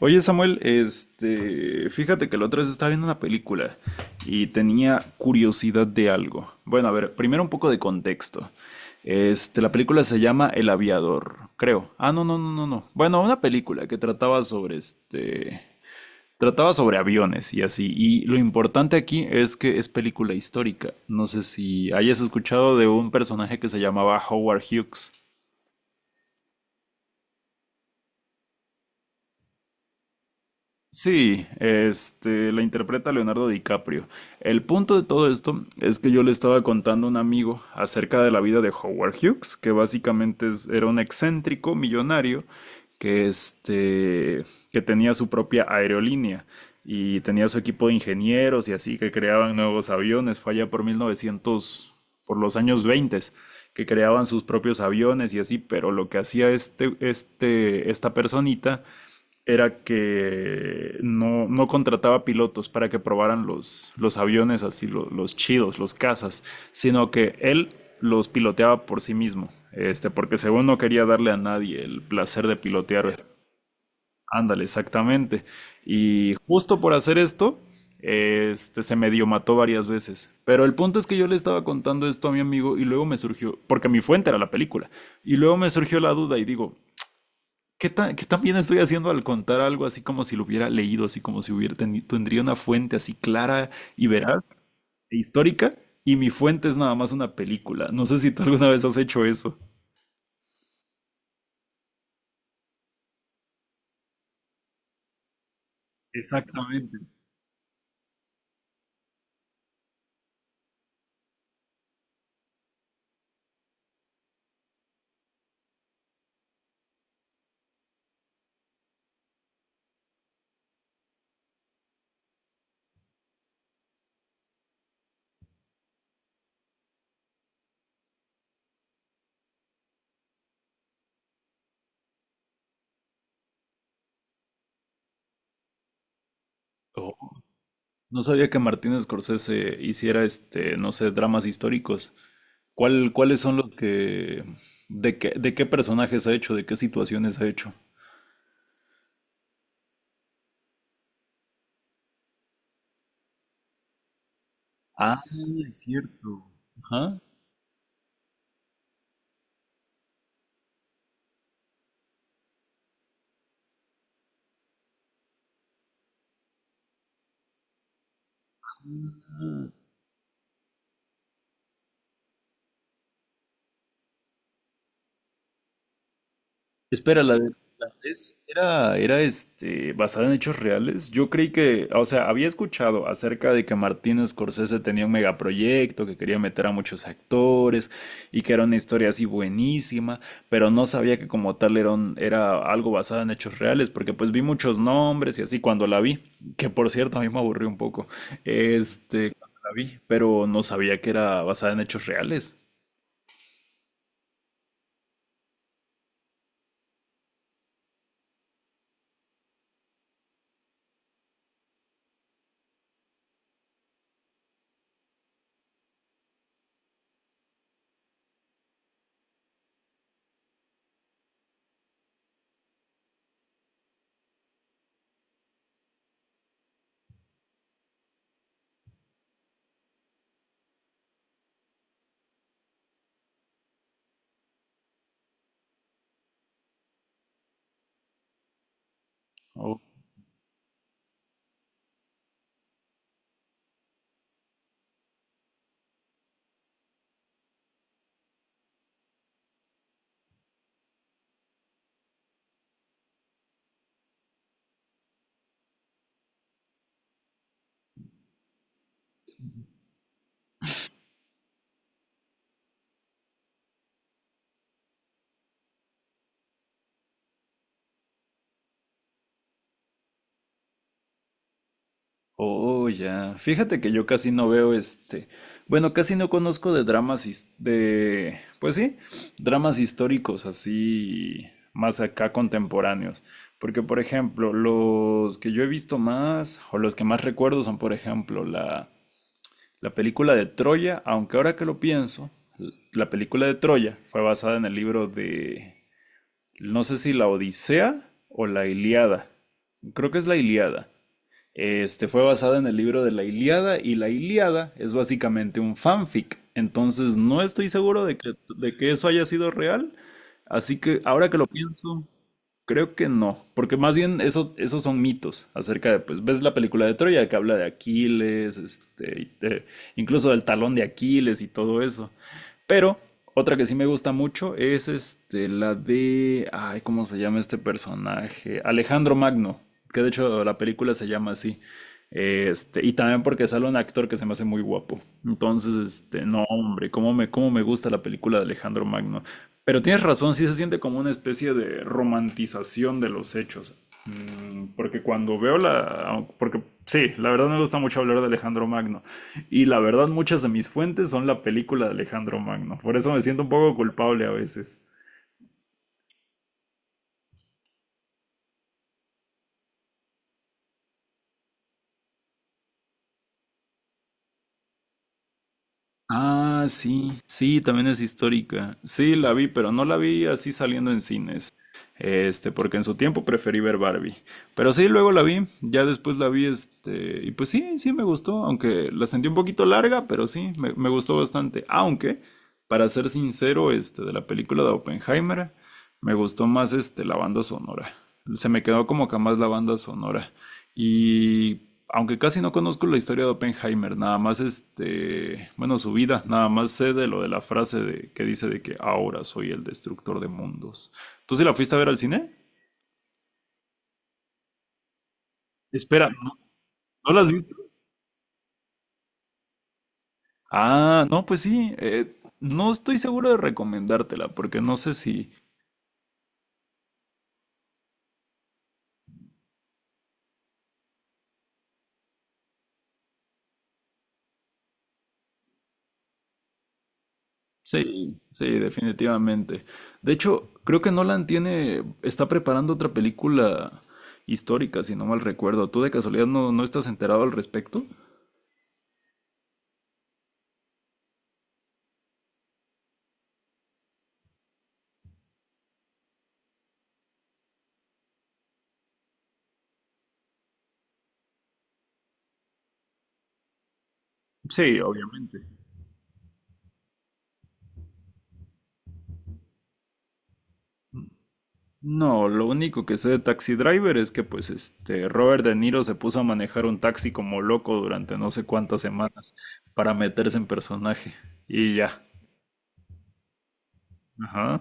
Oye Samuel, fíjate que la otra vez estaba viendo una película y tenía curiosidad de algo. Bueno, a ver, primero un poco de contexto. La película se llama El Aviador, creo. Ah, no. Bueno, una película que trataba sobre trataba sobre aviones y así. Y lo importante aquí es que es película histórica. No sé si hayas escuchado de un personaje que se llamaba Howard Hughes. Sí, la interpreta Leonardo DiCaprio. El punto de todo esto es que yo le estaba contando a un amigo acerca de la vida de Howard Hughes, que básicamente era un excéntrico millonario que, que tenía su propia aerolínea y tenía su equipo de ingenieros y así, que creaban nuevos aviones. Fue allá por 1900, por los años 20, que creaban sus propios aviones y así, pero lo que hacía esta personita era que no contrataba pilotos para que probaran los aviones así, chidos, los cazas, sino que él los piloteaba por sí mismo, porque según no quería darle a nadie el placer de pilotear. Ándale, exactamente. Y justo por hacer esto, se medio mató varias veces. Pero el punto es que yo le estaba contando esto a mi amigo y luego me surgió, porque mi fuente era la película, y luego me surgió la duda y digo, ¿qué tan, qué tan bien estoy haciendo al contar algo así como si lo hubiera leído, así como si tendría una fuente así clara y veraz e histórica? Y mi fuente es nada más una película. No sé si tú alguna vez has hecho eso. Exactamente. Oh, no sabía que Martín Scorsese hiciera no sé, dramas históricos. Cuáles son los que, de de qué personajes ha hecho, de qué situaciones ha hecho? Ah, es cierto. Ajá. Espera, la de era basada en hechos reales. Yo creí que, o sea, había escuchado acerca de que Martin Scorsese tenía un megaproyecto, que quería meter a muchos actores y que era una historia así buenísima, pero no sabía que como tal era algo basado en hechos reales, porque pues vi muchos nombres y así cuando la vi, que por cierto a mí me aburrió un poco, cuando la vi, pero no sabía que era basada en hechos reales. Oh. Oh, ya. Fíjate que yo casi no veo este. Bueno, casi no conozco de de, pues sí, dramas históricos así más acá contemporáneos, porque por ejemplo, los que yo he visto más o los que más recuerdo son por ejemplo la película de Troya, aunque ahora que lo pienso, la película de Troya fue basada en el libro de no sé si la Odisea o la Ilíada. Creo que es la Ilíada. Este fue basada en el libro de la Ilíada y la Ilíada es básicamente un fanfic. Entonces no estoy seguro de de que eso haya sido real. Así que ahora que lo pienso, creo que no. Porque más bien eso, esos son mitos acerca de, pues ves la película de Troya que habla de Aquiles, y incluso del talón de Aquiles y todo eso. Pero otra que sí me gusta mucho es la de, ay, ¿cómo se llama este personaje? Alejandro Magno, que de hecho la película se llama así. Este, y también porque sale un actor que se me hace muy guapo. Entonces, no, hombre, cómo me gusta la película de Alejandro Magno. Pero tienes razón, sí se siente como una especie de romantización de los hechos. Porque cuando veo la... Porque sí, la verdad me gusta mucho hablar de Alejandro Magno. Y la verdad muchas de mis fuentes son la película de Alejandro Magno. Por eso me siento un poco culpable a veces. Ah, sí, sí, también es histórica. Sí, la vi, pero no la vi así saliendo en cines. Este, porque en su tiempo preferí ver Barbie. Pero sí, luego la vi, ya después la vi, y pues sí, sí me gustó, aunque la sentí un poquito larga, pero sí, me gustó bastante. Aunque, para ser sincero, de la película de Oppenheimer, me gustó más, la banda sonora. Se me quedó como que más la banda sonora. Y aunque casi no conozco la historia de Oppenheimer, nada más bueno, su vida, nada más sé de lo de la frase de, que dice de que ahora soy el destructor de mundos. ¿Tú sí la fuiste a ver al cine? Espera, no la has visto? Ah, no, pues sí, no estoy seguro de recomendártela, porque no sé si... Sí, sí, definitivamente. De hecho, creo que está preparando otra película histórica, si no mal recuerdo. ¿Tú de casualidad no estás enterado al respecto? Sí, obviamente. No, lo único que sé de Taxi Driver es que pues este Robert De Niro se puso a manejar un taxi como loco durante no sé cuántas semanas para meterse en personaje y ya. Ajá.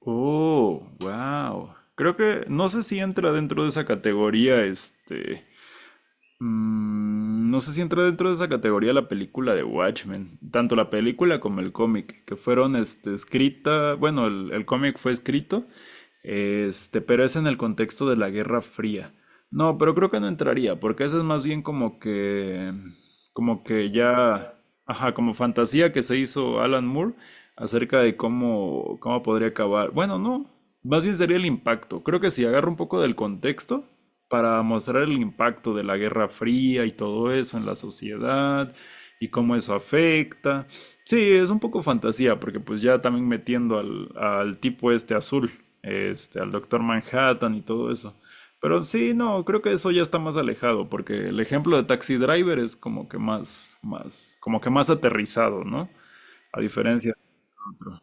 Oh, wow. Creo que no sé si entra dentro de esa categoría este. No sé si entra dentro de esa categoría la película de Watchmen, tanto la película como el cómic, que fueron el cómic fue escrito, pero es en el contexto de la Guerra Fría. No, pero creo que no entraría, porque esa es más bien como que ya, ajá, como fantasía que se hizo Alan Moore acerca de cómo, cómo podría acabar. Bueno, no. Más bien sería el impacto. Creo que si agarro un poco del contexto para mostrar el impacto de la Guerra Fría y todo eso en la sociedad y cómo eso afecta. Sí, es un poco fantasía, porque pues ya también metiendo al tipo este azul, al Doctor Manhattan y todo eso. Pero sí, no, creo que eso ya está más alejado, porque el ejemplo de Taxi Driver es como que más, como que más aterrizado, ¿no? A diferencia de otro.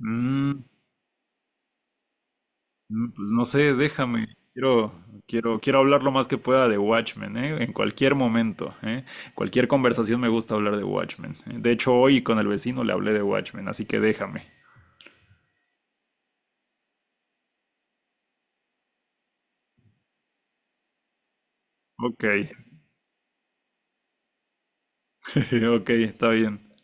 Mm. Mm, pues no sé, déjame. Quiero, quiero hablar lo más que pueda de Watchmen, ¿eh? En cualquier momento, ¿eh? Cualquier conversación me gusta hablar de Watchmen, ¿eh? De hecho, hoy con el vecino le hablé de Watchmen, así que déjame. Ok, ok, está bien.